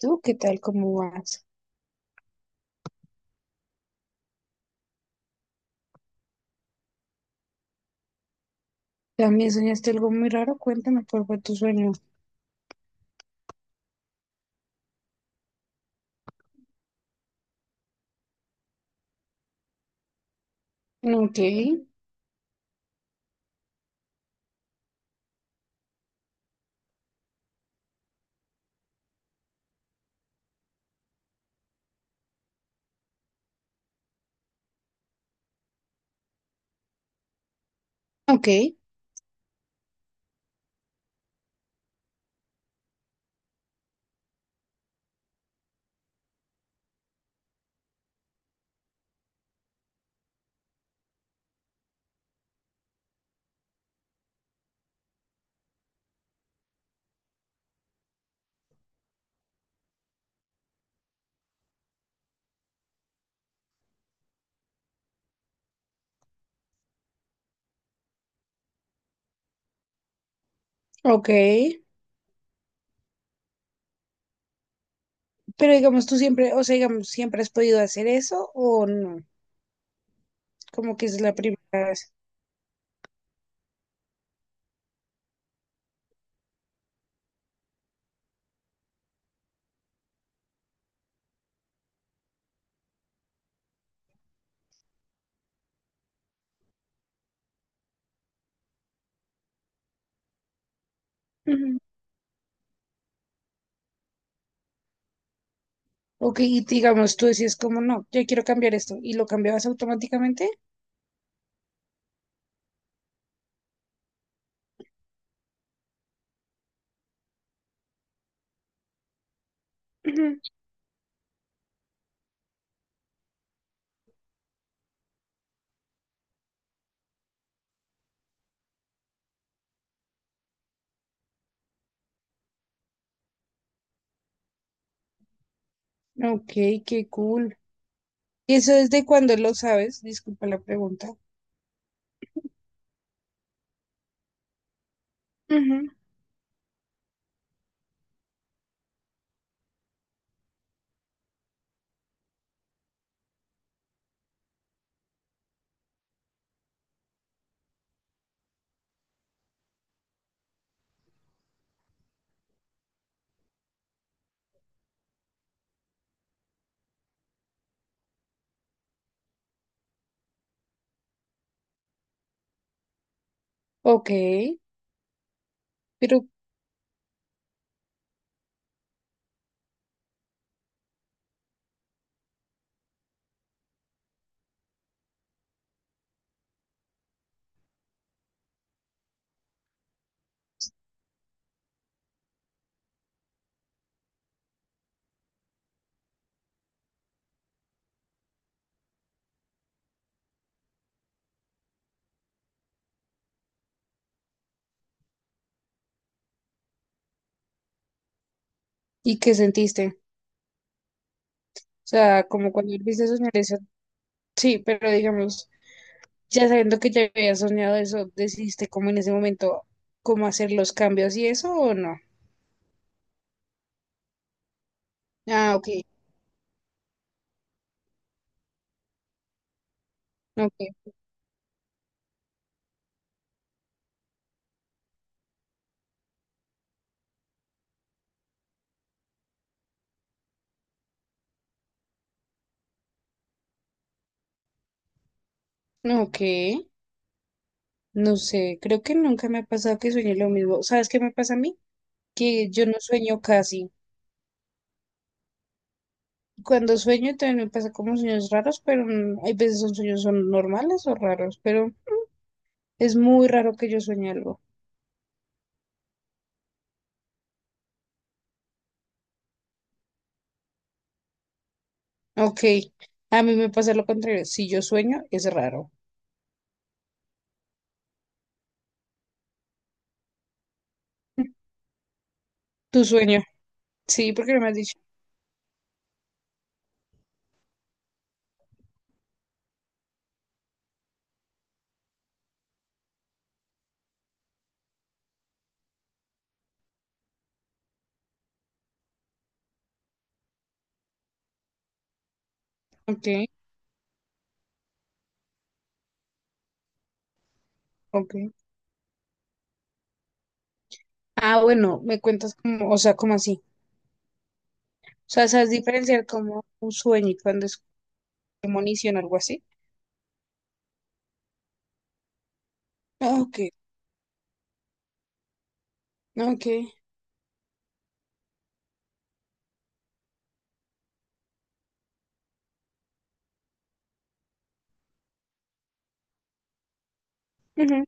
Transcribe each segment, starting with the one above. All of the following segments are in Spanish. ¿Tú qué tal? ¿Cómo vas? ¿También soñaste algo muy raro? Cuéntame cuál fue tu sueño. Ok, ok, ok. Pero digamos, tú siempre, o sea, digamos, ¿siempre has podido hacer eso o no? Como que es la primera vez. Ujú. Ok, y digamos, tú decías como no, yo quiero cambiar esto y lo cambiabas automáticamente. Ujú. Ok, qué cool. ¿Y eso desde cuándo lo sabes? Disculpa la pregunta. Ujú. Ok, pero ¿y qué sentiste? O sea, como cuando volviste a soñar eso. Sí, pero digamos. Ya sabiendo que ya había soñado eso, ¿decidiste como en ese momento cómo hacer los cambios y eso o no? Ah, ok, ok, ok, no sé, creo que nunca me ha pasado que sueñe lo mismo. ¿Sabes qué me pasa a mí? Que yo no sueño casi. Cuando sueño también me pasa como sueños raros, pero hay veces son sueños son normales o raros, pero es muy raro que yo sueñe algo. Ok, a mí me pasa lo contrario, si yo sueño es raro. Tu sueño, sí, porque no me has dicho. Ok, ok. Ah, bueno, me cuentas como, o sea, como así. O sea, sabes diferenciar como un sueño y cuando es premonición o algo así. Ah, ok, ok. Ujú.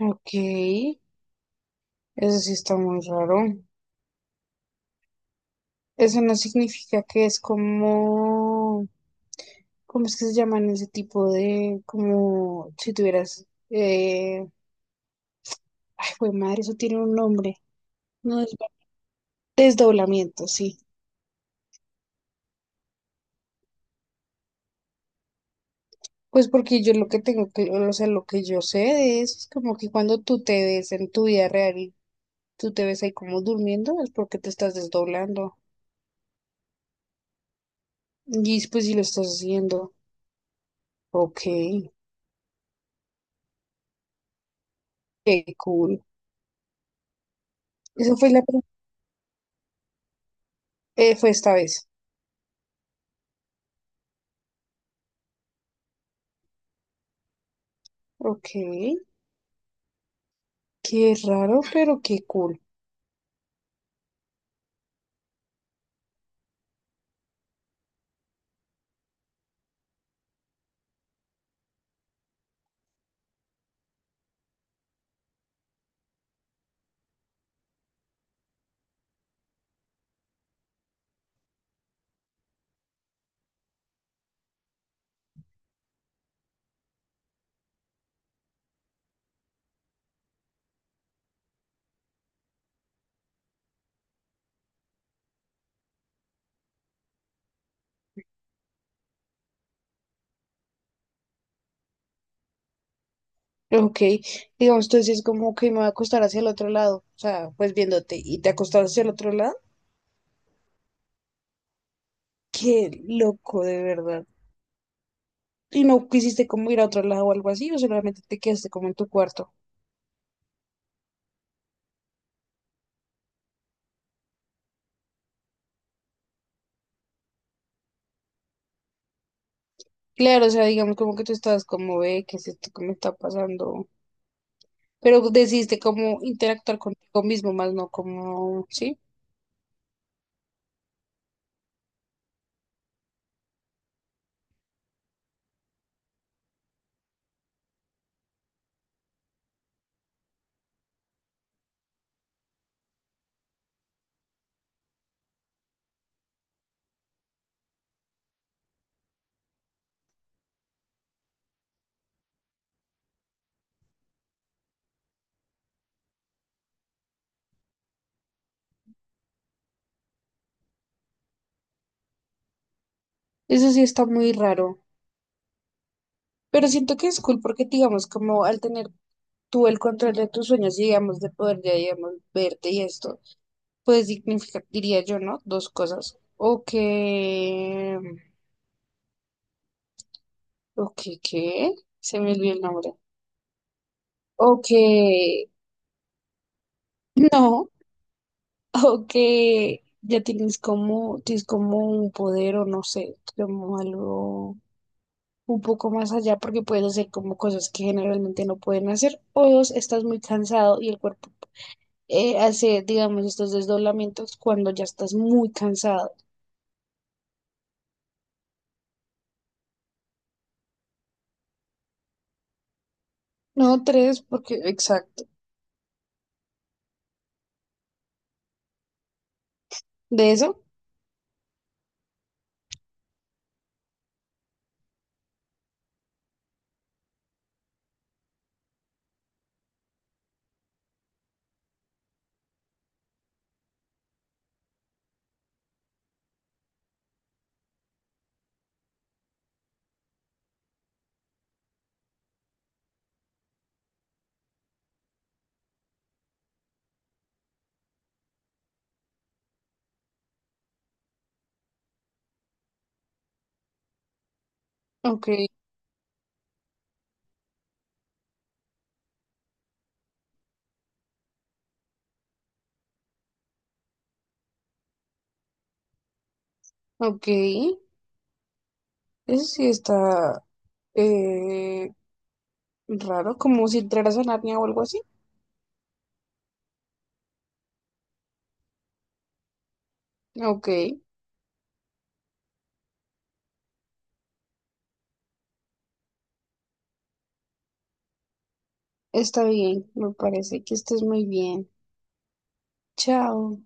Ok, eso sí está muy raro. Eso no significa que es como, ¿cómo es que se llaman ese tipo de, como si tuvieras, ay, güey, madre, eso tiene un nombre. No es desdoblamiento, sí. Pues porque yo lo que tengo que, o sea, lo que yo sé de eso es como que cuando tú te ves en tu vida real tú te ves ahí como durmiendo, es porque te estás desdoblando. Y pues si lo estás haciendo. Ok, qué cool. Eso fue la prim- fue esta vez. Ok, qué raro, pero qué cool. Ok, digamos, tú es como que me voy a acostar hacia el otro lado. O sea, pues viéndote y te acostaste hacia el otro lado. Qué loco, de verdad. Y no quisiste como ir a otro lado o algo así, o solamente te quedaste como en tu cuarto. Claro, o sea, digamos como que tú estabas como, ve, ¿qué es esto que me está pasando? Pero decidiste como interactuar contigo mismo, más no como, ¿sí? Eso sí está muy raro, pero siento que es cool porque, digamos, como al tener tú el control de tus sueños, y, digamos, de poder, ya, digamos, verte y esto, pues significa, diría yo, ¿no? Dos cosas. O que, ¿qué? Se me olvidó el nombre. O que, no, o que ya tienes como un poder o no sé, como algo un poco más allá porque puedes hacer como cosas que generalmente no pueden hacer. O dos, estás muy cansado y el cuerpo hace, digamos, estos desdoblamientos cuando ya estás muy cansado. No, tres, porque, exacto. ¿De eso? Ok, ok. Eso sí está eh, raro, como si entraras a Narnia o algo así. Ok, está bien, me parece que estés muy bien. Chao.